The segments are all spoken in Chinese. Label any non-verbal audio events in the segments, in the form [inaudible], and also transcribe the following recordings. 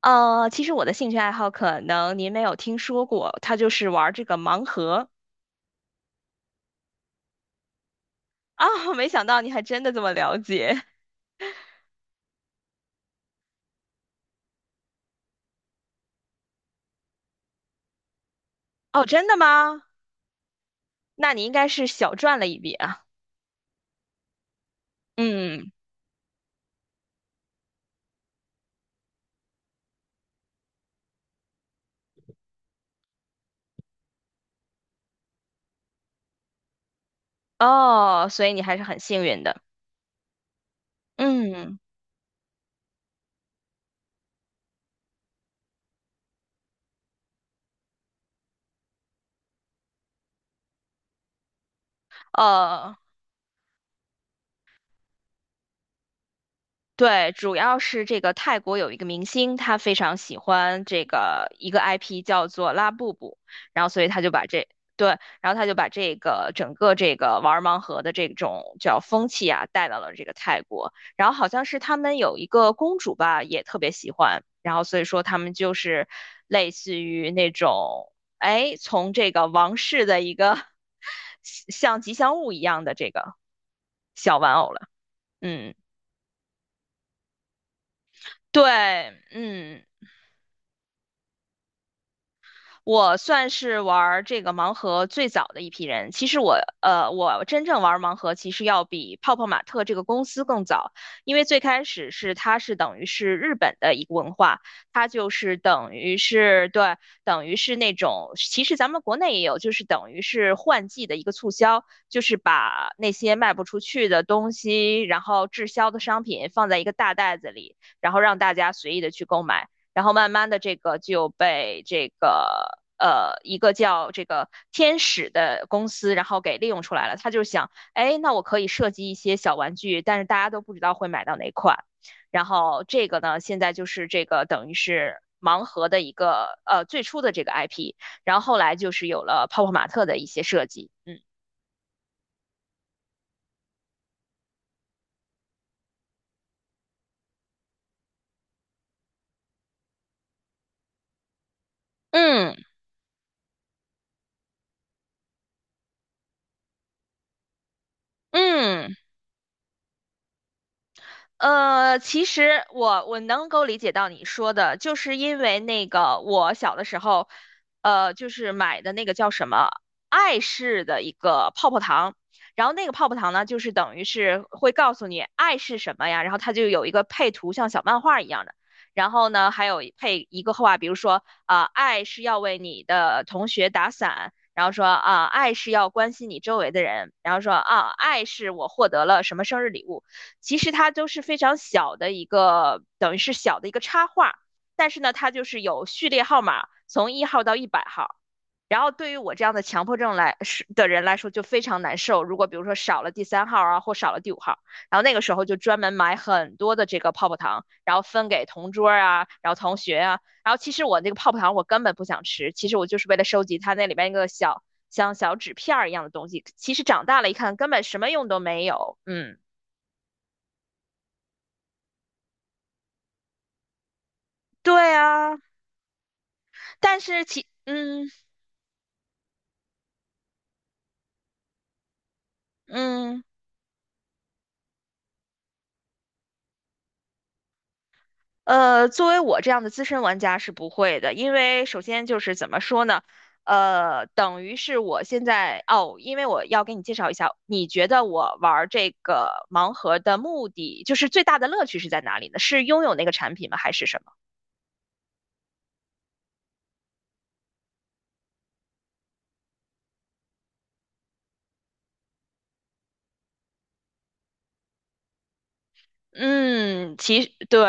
其实我的兴趣爱好可能您没有听说过，他就是玩这个盲盒啊，[laughs] 没想到你还真的这么了解。哦，真的吗？那你应该是小赚了一笔啊。嗯，哦，所以你还是很幸运的。嗯，哦。对，主要是这个泰国有一个明星，他非常喜欢这个一个 IP 叫做拉布布，然后所以他就把这对，然后他就把这个整个这个玩盲盒的这种叫风气啊带到了这个泰国，然后好像是他们有一个公主吧，也特别喜欢，然后所以说他们就是类似于那种哎，从这个王室的一个 [laughs] 像吉祥物一样的这个小玩偶了，嗯。对，嗯，我算是玩儿这个盲盒最早的一批人。其实我真正玩儿盲盒其实要比泡泡玛特这个公司更早，因为最开始是它是等于是日本的一个文化，它就是等于是对，等于是那种，其实咱们国内也有，就是等于是换季的一个促销，就是把那些卖不出去的东西，然后滞销的商品放在一个大袋子里，然后让大家随意的去购买。然后慢慢的这个就被这个一个叫这个天使的公司，然后给利用出来了。他就想，哎，那我可以设计一些小玩具，但是大家都不知道会买到哪款。然后这个呢，现在就是这个等于是盲盒的一个最初的这个 IP，然后后来就是有了泡泡玛特的一些设计，嗯嗯嗯。其实我能够理解到你说的，就是因为那个我小的时候，就是买的那个叫什么爱是的一个泡泡糖，然后那个泡泡糖呢，就是等于是会告诉你爱是什么呀，然后它就有一个配图，像小漫画一样的，然后呢还有配一个话，比如说啊、爱是要为你的同学打伞。然后说啊，爱是要关心你周围的人。然后说啊，爱是我获得了什么生日礼物。其实它都是非常小的一个，等于是小的一个插画，但是呢，它就是有序列号码，从1号到100号。然后对于我这样的强迫症来是的人来说就非常难受。如果比如说少了第三号啊，或少了第五号，然后那个时候就专门买很多的这个泡泡糖，然后分给同桌啊，然后同学啊。然后其实我那个泡泡糖我根本不想吃，其实我就是为了收集它那里边一个小像小纸片一样的东西。其实长大了一看，根本什么用都没有。嗯。对啊，但是其嗯作为我这样的资深玩家是不会的，因为首先就是怎么说呢，等于是我现在哦，因为我要给你介绍一下，你觉得我玩这个盲盒的目的，就是最大的乐趣是在哪里呢？是拥有那个产品吗？还是什么？嗯，其实对，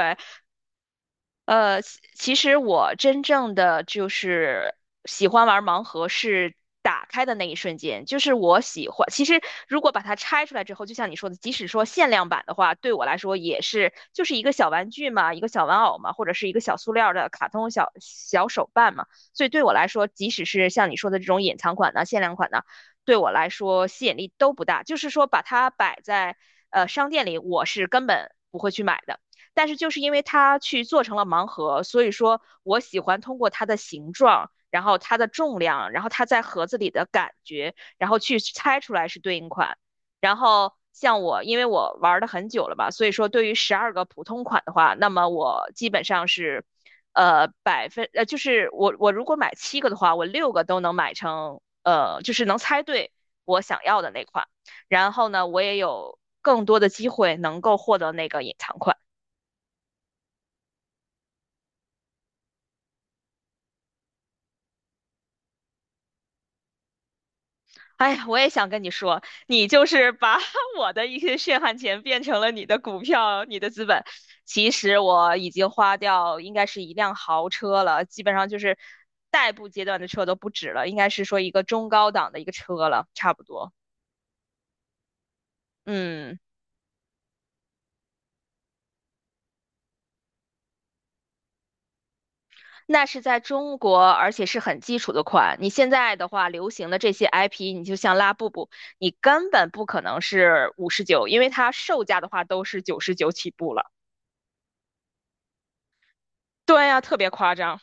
其实我真正的就是喜欢玩盲盒是打开的那一瞬间，就是我喜欢。其实如果把它拆出来之后，就像你说的，即使说限量版的话，对我来说也是就是一个小玩具嘛，一个小玩偶嘛，或者是一个小塑料的卡通小小手办嘛。所以对我来说，即使是像你说的这种隐藏款的、限量款的，对我来说吸引力都不大。就是说把它摆在商店里，我是根本不会去买的。但是就是因为它去做成了盲盒，所以说我喜欢通过它的形状，然后它的重量，然后它在盒子里的感觉，然后去猜出来是对应款。然后像我，因为我玩的很久了吧，所以说对于12个普通款的话，那么我基本上是，就是我如果买七个的话，我六个都能买成，就是能猜对我想要的那款。然后呢，我也有更多的机会能够获得那个隐藏款。哎呀，我也想跟你说，你就是把 [laughs] 我的一些血汗钱变成了你的股票、你的资本。其实我已经花掉应该是一辆豪车了，基本上就是代步阶段的车都不止了，应该是说一个中高档的一个车了，差不多。嗯，那是在中国，而且是很基础的款。你现在的话，流行的这些 IP，你就像拉布布，你根本不可能是五十九，因为它售价的话都是九十九起步了。对呀，特别夸张。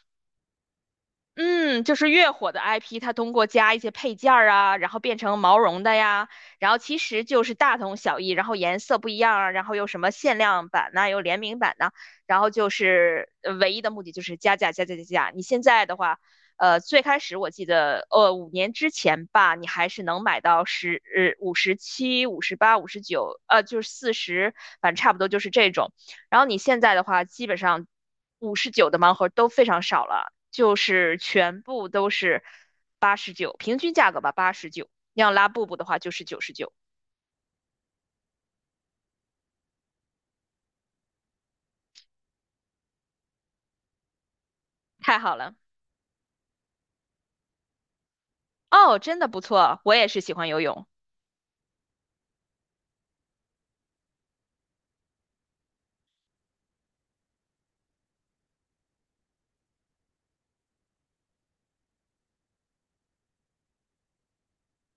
嗯，就是越火的 IP，它通过加一些配件儿啊，然后变成毛绒的呀，然后其实就是大同小异，然后颜色不一样啊，然后有什么限量版呐、有联名版呐、然后就是唯一的目的就是加价加价加价。你现在的话，最开始我记得，5年之前吧，你还是能买到57、58、五十九，就是40，反正差不多就是这种。然后你现在的话，基本上五十九的盲盒都非常少了，就是全部都是八十九，平均价格吧，八十九。要拉布布的话就是九十九，太好了。哦，真的不错，我也是喜欢游泳。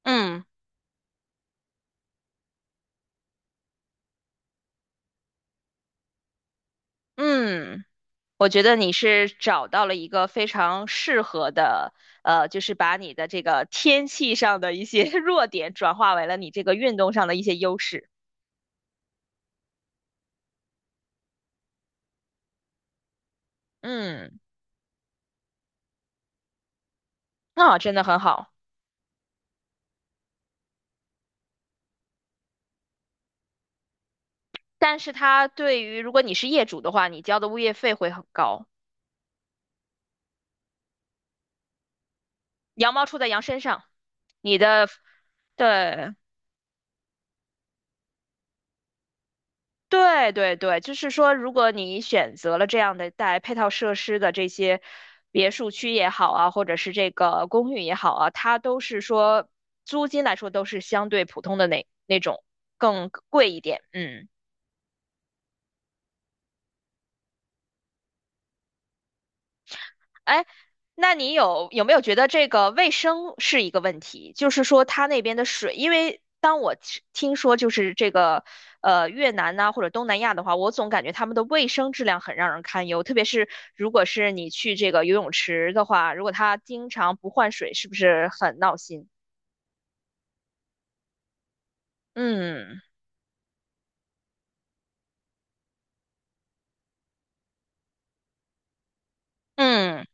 嗯嗯，我觉得你是找到了一个非常适合的，就是把你的这个天气上的一些 [laughs] 弱点转化为了你这个运动上的一些优势。嗯，那、真的很好。但是它对于如果你是业主的话，你交的物业费会很高，羊毛出在羊身上。你的，对对对对，就是说，如果你选择了这样的带配套设施的这些别墅区也好啊，或者是这个公寓也好啊，它都是说租金来说都是相对普通的那种更贵一点，嗯。哎，那你有没有觉得这个卫生是一个问题？就是说，它那边的水，因为当我吃听说就是这个越南呐、或者东南亚的话，我总感觉他们的卫生质量很让人堪忧。特别是如果是你去这个游泳池的话，如果它经常不换水，是不是很闹心？嗯嗯。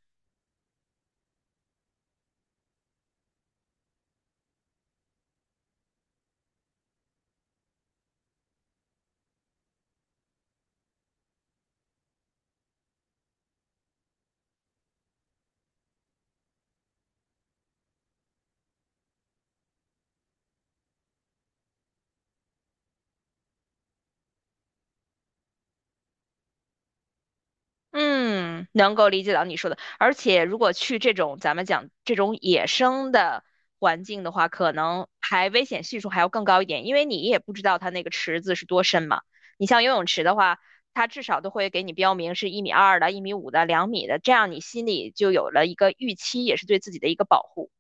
嗯，能够理解到你说的，而且如果去这种咱们讲这种野生的环境的话，可能还危险系数还要更高一点，因为你也不知道它那个池子是多深嘛。你像游泳池的话，它至少都会给你标明是1.2米的、1.5米的、2米的，这样你心里就有了一个预期，也是对自己的一个保护。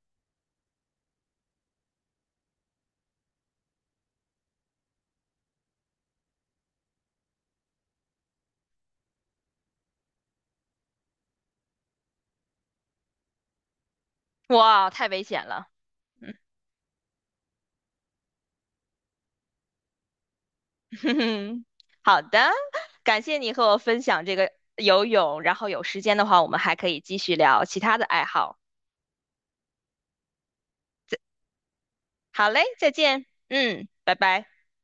哇，太危险了。[laughs] 嗯，好的，感谢你和我分享这个游泳，然后有时间的话，我们还可以继续聊其他的爱好。好嘞，再见。嗯，拜拜。